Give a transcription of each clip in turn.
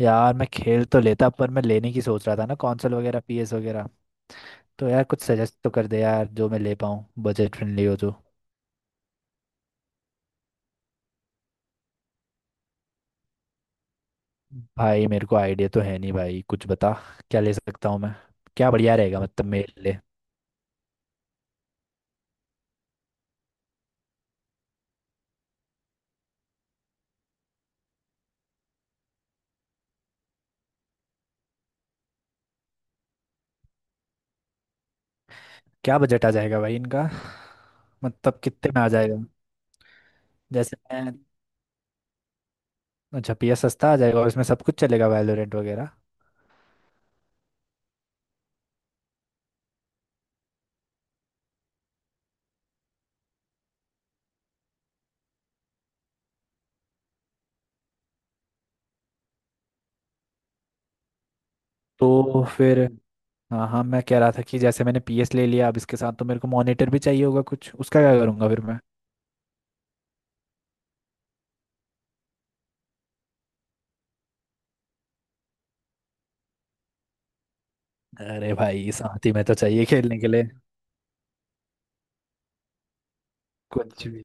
यार मैं खेल तो लेता पर मैं लेने की सोच रहा था ना, कंसोल वगैरह, पीएस वगैरह। तो यार कुछ सजेस्ट तो कर दे यार, जो मैं ले पाऊँ, बजट फ्रेंडली हो जो। भाई मेरे को आइडिया तो है नहीं भाई, कुछ बता। क्या ले सकता हूँ मैं? क्या बढ़िया रहेगा मतलब मेरे लिए? क्या बजट आ जाएगा भाई इनका? मतलब कितने में आ जाएगा? जैसे मैं अच्छा, पीएस सस्ता आ जाएगा और इसमें सब कुछ चलेगा, वैलोरेंट वगैरह? तो फिर हाँ हाँ, मैं कह रहा था कि जैसे मैंने पीएस ले लिया अब इसके साथ तो मेरे को मॉनिटर भी चाहिए होगा कुछ, उसका क्या करूँगा फिर मैं? अरे भाई साथ ही में तो चाहिए खेलने के लिए। कुछ भी।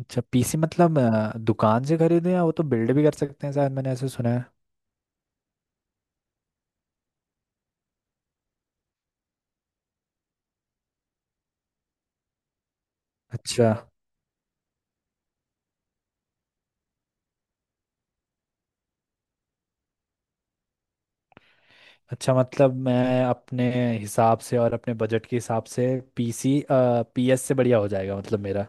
अच्छा, पीसी मतलब दुकान से खरीदे, या वो तो बिल्ड भी कर सकते हैं शायद, मैंने ऐसे सुना है। अच्छा। अच्छा मतलब मैं अपने हिसाब से और अपने बजट के हिसाब से पीसी पीएस से बढ़िया हो जाएगा मतलब मेरा?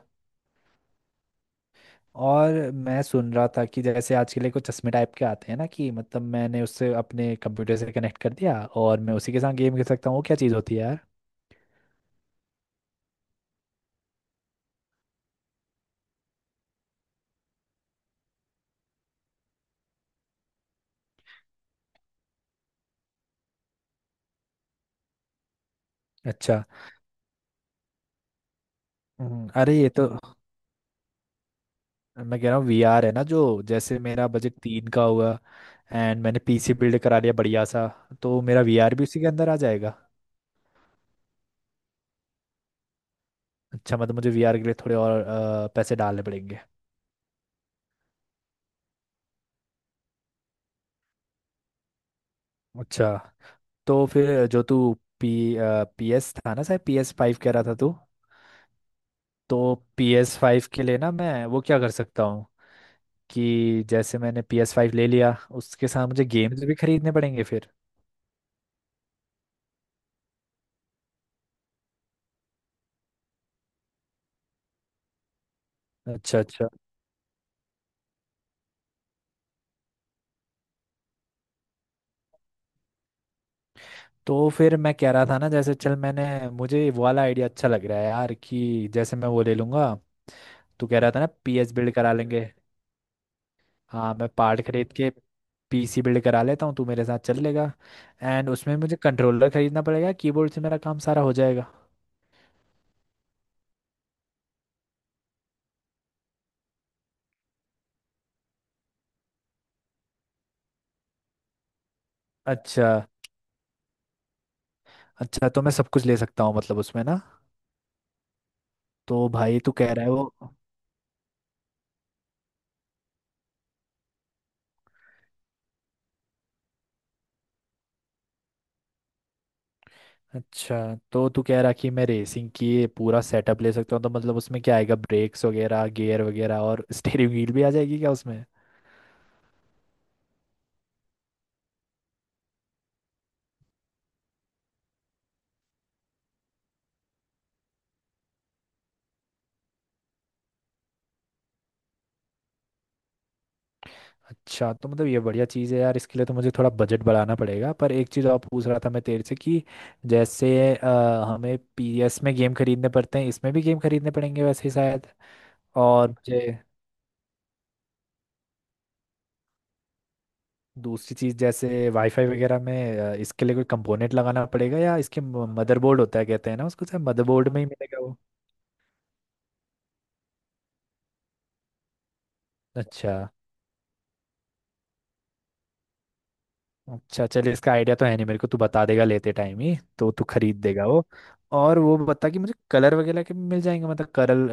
और मैं सुन रहा था कि जैसे आज के लिए कुछ चश्मे टाइप के आते हैं ना, कि मतलब मैंने उससे अपने कंप्यूटर से कनेक्ट कर दिया और मैं उसी के साथ गेम खेल सकता हूँ, वो क्या चीज़ होती है यार? अच्छा। अरे ये तो, मैं कह रहा हूँ वीआर है ना जो, जैसे मेरा बजट तीन का हुआ, एंड मैंने पीसी बिल्ड करा लिया बढ़िया सा, तो मेरा वीआर भी उसी के अंदर आ जाएगा? अच्छा मतलब मुझे वीआर के लिए थोड़े और पैसे डालने पड़ेंगे? अच्छा। तो फिर जो तू, पी पीएस था ना, शायद पीएस फाइव कह रहा था तू? तो पीएस फाइव के लिए ना मैं वो क्या कर सकता हूँ, कि जैसे मैंने पीएस फाइव ले लिया उसके साथ मुझे गेम्स भी खरीदने पड़ेंगे फिर? अच्छा अच्छा। तो फिर मैं कह रहा था ना, जैसे चल मैंने, मुझे वो वाला आइडिया अच्छा लग रहा है यार, कि जैसे मैं वो ले लूंगा, तू कह रहा था ना पीएस बिल्ड करा लेंगे। हाँ मैं पार्ट खरीद के पीसी बिल्ड करा लेता हूँ, तू मेरे साथ चल लेगा? एंड उसमें मुझे कंट्रोलर खरीदना पड़ेगा, कीबोर्ड से मेरा काम सारा हो जाएगा। अच्छा अच्छा, तो मैं सब कुछ ले सकता हूँ मतलब उसमें ना? तो भाई तू कह रहा है वो। अच्छा तो तू कह रहा कि मैं रेसिंग की ये पूरा सेटअप ले सकता हूँ, तो मतलब उसमें क्या आएगा, ब्रेक्स वगैरह, गियर वगैरह, और स्टीयरिंग व्हील भी आ जाएगी क्या उसमें? अच्छा तो मतलब ये बढ़िया चीज़ है यार, इसके लिए तो मुझे थोड़ा बजट बढ़ाना पड़ेगा। पर एक चीज़ और पूछ रहा था मैं तेरे से कि जैसे अ, हमें पीएस में गेम खरीदने पड़ते हैं, इसमें भी गेम खरीदने पड़ेंगे वैसे ही शायद? और मुझे दूसरी चीज़, जैसे वाईफाई वगैरह में इसके लिए कोई कंपोनेंट लगाना पड़ेगा या इसके मदरबोर्ड होता है कहते हैं ना उसको, शायद मदरबोर्ड में ही मिलेगा वो? अच्छा। अच्छा चल, इसका आइडिया तो है नहीं मेरे को, तू बता देगा लेते टाइम ही, तो तू खरीद देगा वो। और वो बता कि मुझे कलर वगैरह के भी मिल जाएंगे मतलब, करल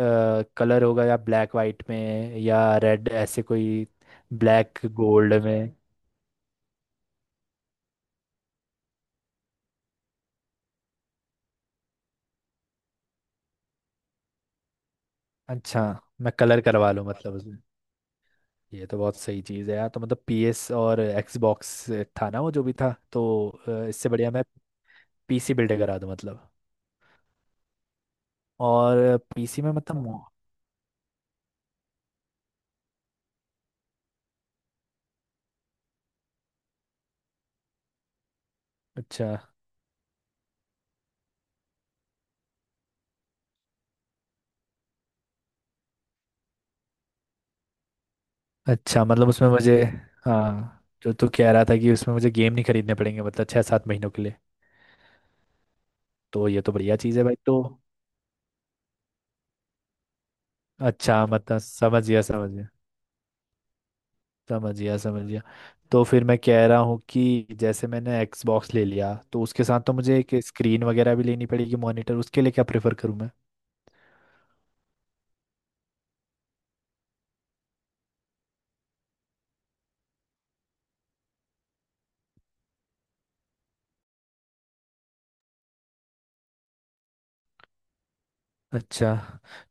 कलर होगा या ब्लैक वाइट में या रेड, ऐसे कोई? ब्लैक गोल्ड में? अच्छा मैं कलर करवा लूँ मतलब उसमें? ये तो बहुत सही चीज़ है यार, तो मतलब पीएस और एक्सबॉक्स था ना वो, जो भी था, तो इससे बढ़िया मैं पीसी बिल्ड करा दूँ मतलब। और पीसी में मतलब। अच्छा अच्छा मतलब उसमें मुझे, हाँ जो तू कह रहा था कि उसमें मुझे गेम नहीं खरीदने पड़ेंगे मतलब छः सात महीनों के लिए? तो ये तो बढ़िया चीज़ है भाई तो। अच्छा मतलब समझ गया समझ गया, समझ गया समझ गया। तो फिर मैं कह रहा हूँ कि जैसे मैंने एक्सबॉक्स ले लिया तो उसके साथ तो मुझे एक स्क्रीन वगैरह भी लेनी पड़ेगी, मॉनिटर, उसके लिए क्या प्रेफर करूँ? अच्छा।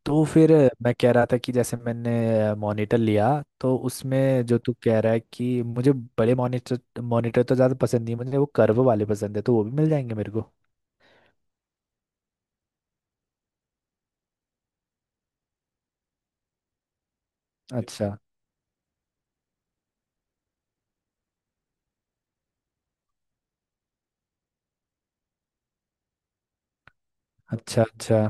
तो फिर मैं कह रहा था कि जैसे मैंने मॉनिटर लिया तो उसमें जो तू कह रहा है कि मुझे बड़े मॉनिटर मॉनिटर तो ज़्यादा पसंद नहीं, मुझे वो कर्व वाले पसंद है, तो वो भी मिल जाएंगे मेरे को? अच्छा अच्छा। अच्छा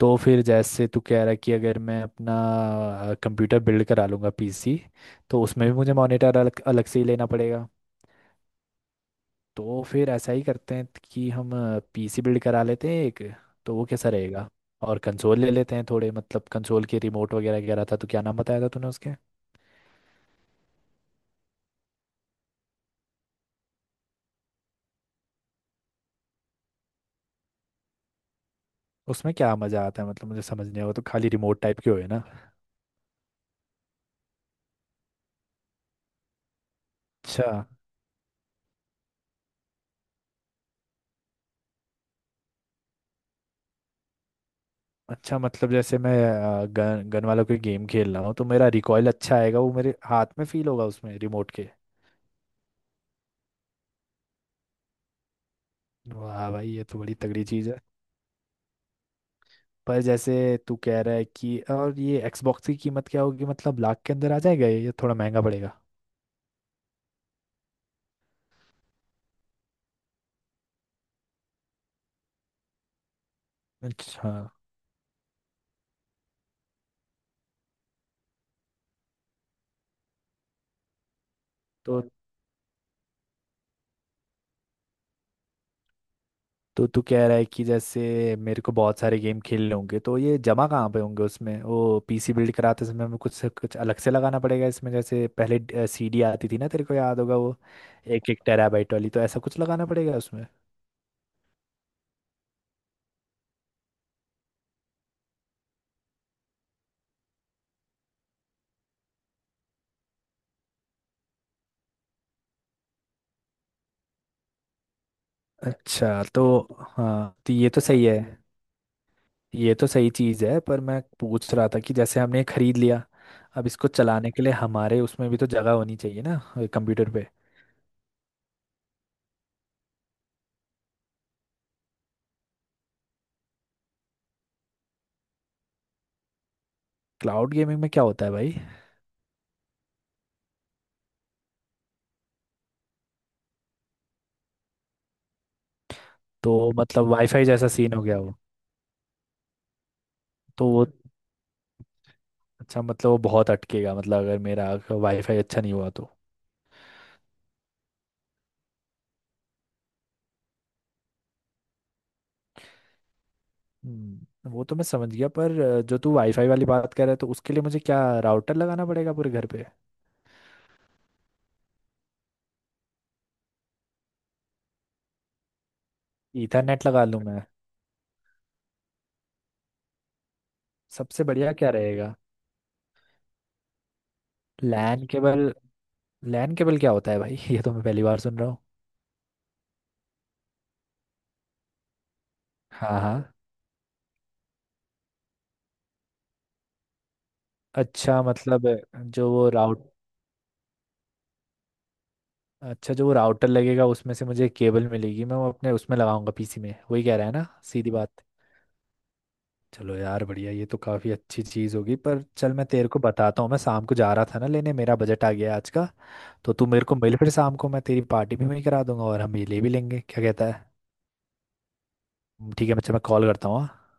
तो फिर जैसे तू कह रहा है कि अगर मैं अपना कंप्यूटर बिल्ड करा लूँगा पीसी, तो उसमें भी मुझे मॉनिटर अलग अलग से ही लेना पड़ेगा? तो फिर ऐसा ही करते हैं कि हम पीसी बिल्ड करा लेते हैं एक, तो वो कैसा रहेगा? और कंसोल ले लेते हैं थोड़े, मतलब कंसोल के रिमोट वगैरह कह रहा था तो, क्या नाम बताया था तूने उसके? उसमें क्या मज़ा आता है मतलब? मुझे समझ नहीं आया, वो तो खाली रिमोट टाइप के हुए ना? अच्छा। अच्छा मतलब जैसे मैं गन गन वाला कोई गेम खेल रहा हूँ तो मेरा रिकॉयल अच्छा आएगा, वो मेरे हाथ में फील होगा उसमें रिमोट के? वाह भाई ये तो बड़ी तगड़ी चीज़ है। पर जैसे तू कह रहा है कि, और ये एक्सबॉक्स की कीमत क्या होगी मतलब, लाख के अंदर आ जाएगा ये या थोड़ा महंगा पड़ेगा? अच्छा। तो तो तू कह रहा है कि जैसे मेरे को बहुत सारे गेम खेलने होंगे तो ये जमा कहाँ पे होंगे उसमें, वो पीसी बिल्ड कराते समय हमें कुछ कुछ अलग से लगाना पड़ेगा इसमें, जैसे पहले सीडी आती थी ना तेरे को याद होगा वो, एक एक टेराबाइट वाली, तो ऐसा कुछ लगाना पड़ेगा उसमें? अच्छा तो हाँ, तो ये तो सही है। ये तो सही चीज़ है पर मैं पूछ रहा था कि जैसे हमने खरीद लिया, अब इसको चलाने के लिए हमारे उसमें भी तो जगह होनी चाहिए ना कंप्यूटर पे? क्लाउड गेमिंग में क्या होता है भाई? तो मतलब वाईफाई जैसा सीन हो गया वो? तो वो अच्छा मतलब वो बहुत अटकेगा मतलब, अगर मेरा वाईफाई अच्छा नहीं हुआ तो? वो तो मैं समझ गया पर जो तू वाईफाई वाली बात कर रहा है, तो उसके लिए मुझे क्या राउटर लगाना पड़ेगा पूरे घर पे? ईथरनेट लगा लूँ मैं? सबसे बढ़िया क्या रहेगा? LAN cable. लैन केबल क्या होता है भाई ये तो मैं पहली बार सुन रहा हूँ। हाँ हाँ। अच्छा मतलब जो वो राउट अच्छा, जो वो राउटर लगेगा उसमें से मुझे केबल मिलेगी, मैं वो अपने उसमें लगाऊंगा पीसी में, वही कह रहा है ना सीधी बात? चलो यार बढ़िया, ये तो काफ़ी अच्छी चीज़ होगी। पर चल मैं तेरे को बताता हूँ, मैं शाम को जा रहा था ना लेने, मेरा बजट आ गया आज का, तो तू मेरे को मिल फिर शाम को, मैं तेरी पार्टी भी मैं करा दूंगा और हम ये ले भी लेंगे, क्या कहता है? ठीक है, मैं चल मैं कॉल करता हूँ हाँ?